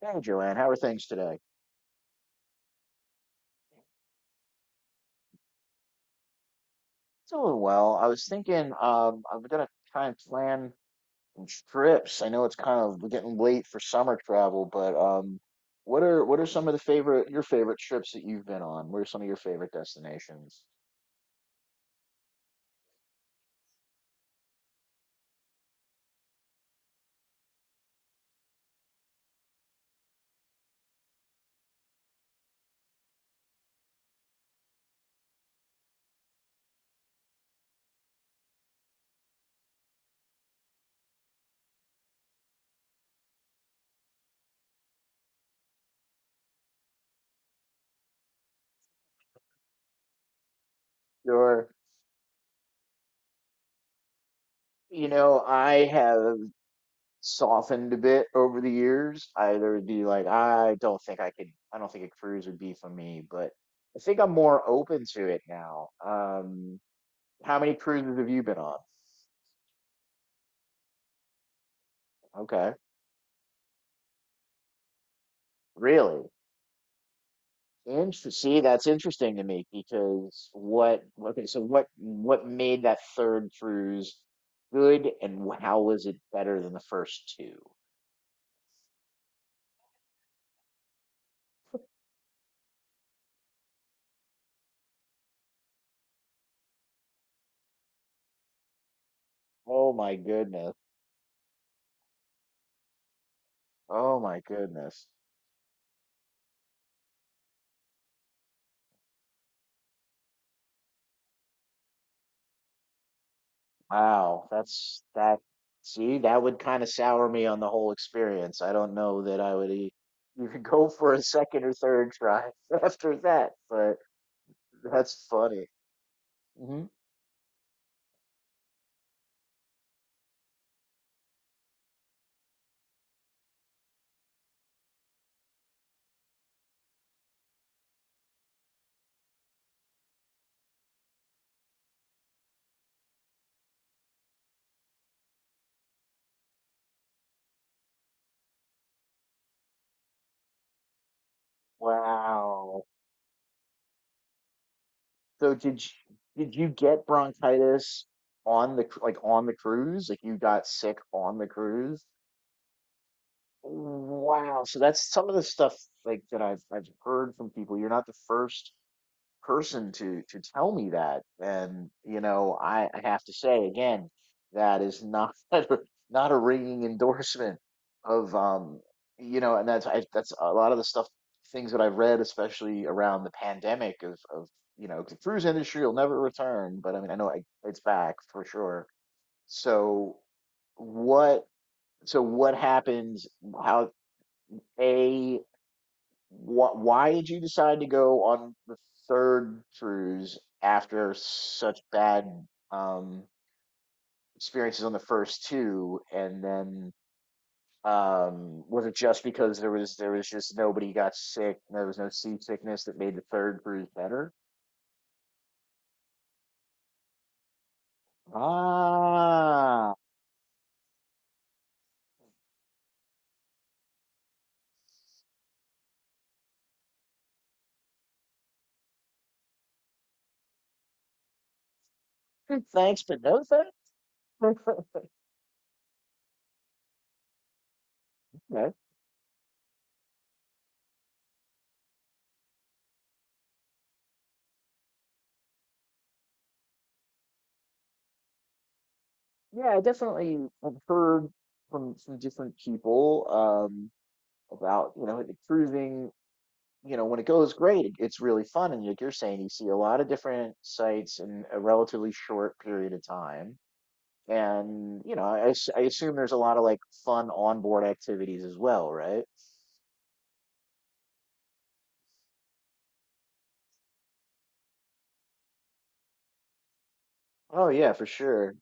Hey Joanne, how are things today? Doing well. I was thinking I'm gonna try and plan some trips. I know it's kind of we're getting late for summer travel, but what are some of the favorite your favorite trips that you've been on? What are some of your favorite destinations? Sure. You know, I have softened a bit over the years. I either would be like, I don't think a cruise would be for me, but I think I'm more open to it now. How many cruises have you been on? Okay. Really? Interesting. See, that's interesting to me because what, okay, so what made that third cruise good and how was it better than the first two? Oh my goodness. Oh my goodness. Wow, that's that see, that would kind of sour me on the whole experience. I don't know that I would e even go for a second or third try after that, but that's funny. hmm Wow. So did you, did you get bronchitis like on the cruise? Like you got sick on the cruise? Wow. So that's some of the stuff like that I've heard from people. You're not the first person to tell me that, and I have to say again that is not not a ringing endorsement of that's a lot of the stuff things that I've read, especially around the pandemic of the cruise industry will never return, but I mean I know it's back for sure, so what what happens, how a why did you decide to go on the third cruise after such bad um, experiences on the first two? And then was it just because there was just nobody got sick, there was no seasickness that made the third cruise better? Ah, thanks, but no thanks. Okay. Yeah, I definitely have heard from different people, about like the cruising, you know, when it goes great, it's really fun. And like you're saying, you see a lot of different sites in a relatively short period of time. And, you know, I assume there's a lot of like fun onboard activities as well, right? Oh, yeah, for sure.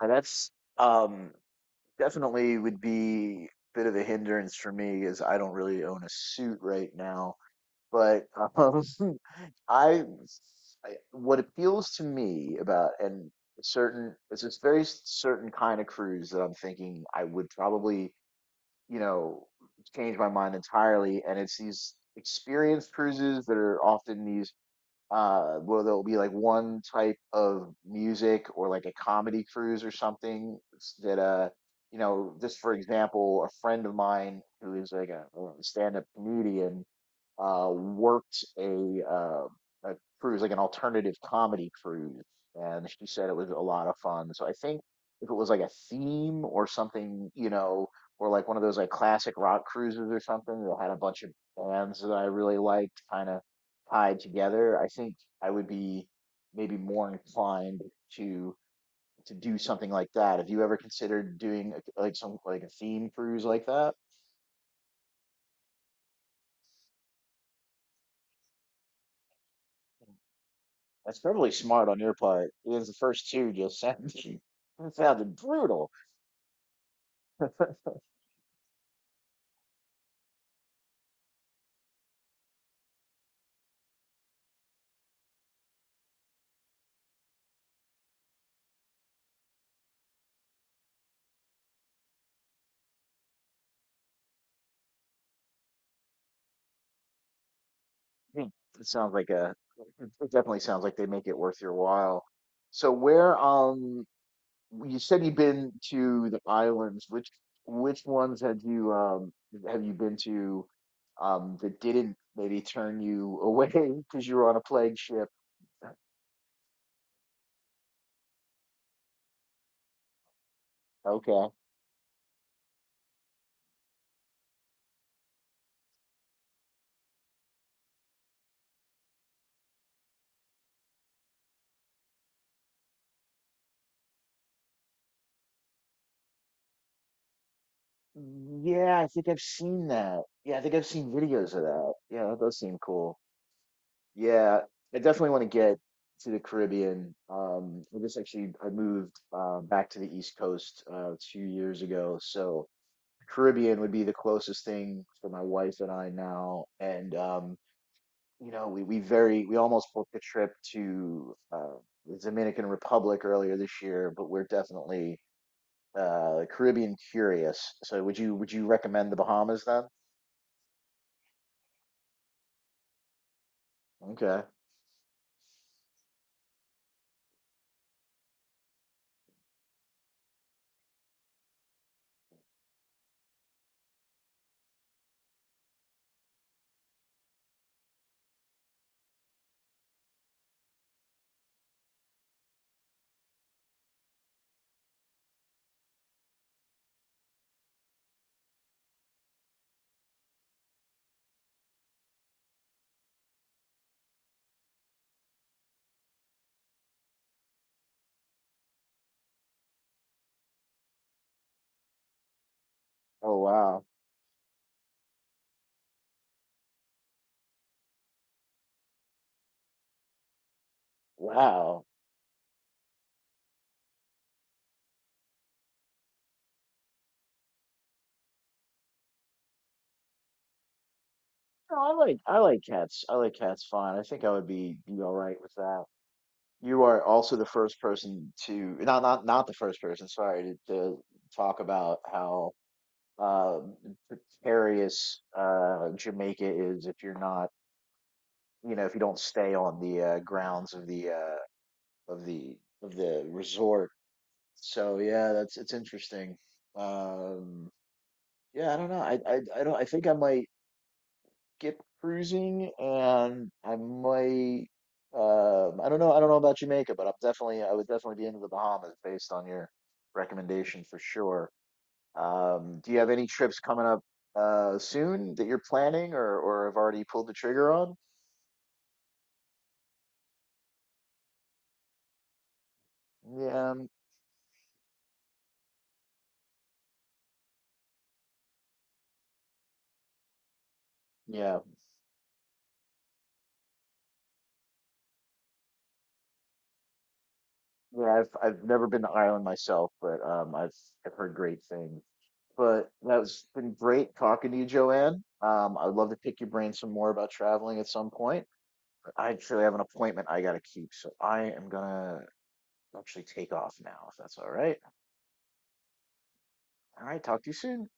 That's um, definitely would be a bit of a hindrance for me, as I don't really own a suit right now. But um, I, I what appeals to me about and certain it's this very certain kind of cruise that I'm thinking I would probably, you know, change my mind entirely, and it's these experienced cruises that are often these where there'll be like one type of music or like a comedy cruise or something that you know, just for example, a friend of mine who is like a stand-up comedian worked a cruise, like an alternative comedy cruise, and she said it was a lot of fun. So I think if it was like a theme or something, you know, or like one of those like classic rock cruises or something that had a bunch of bands that I really liked kind of tied together, I think I would be maybe more inclined to do something like that. Have you ever considered doing like some like a theme cruise like that? That's probably smart on your part because the first two just sound sounded brutal. Hmm. It sounds like a it definitely sounds like they make it worth your while. So where you said you've been to the islands, which ones had you have you been to that didn't maybe turn you away because you were on a plague ship? Okay. Yeah, I think I've seen that. Yeah, I think I've seen videos of that. Yeah, that does seem cool. Yeah, I definitely want to get to the Caribbean. I just actually I moved back to the East Coast 2 years ago, so Caribbean would be the closest thing for my wife and I now. And you know, we almost booked a trip to the Dominican Republic earlier this year, but we're definitely Caribbean curious. So would you recommend the Bahamas then? Okay. Oh wow, wow. No, I like cats. I like cats fine. I think I would be all right with that. You are also the first person to not the first person, sorry, to talk about how uh precarious Jamaica is if you're not, you know, if you don't stay on the grounds of the of the of the resort. So yeah, that's it's interesting. Um yeah, I don't know. I don't I think I might skip cruising, and I might, I don't know, about Jamaica, but I'm definitely, I would definitely be into the Bahamas based on your recommendation for sure. Do you have any trips coming up soon that you're planning or have already pulled the trigger on? Yeah, yeah. Yeah, I've never been to Ireland myself, but I've heard great things. But that has been great talking to you, Joanne. I would love to pick your brain some more about traveling at some point. I actually have an appointment I gotta keep, so I am gonna actually take off now, if that's all right. All right, talk to you soon.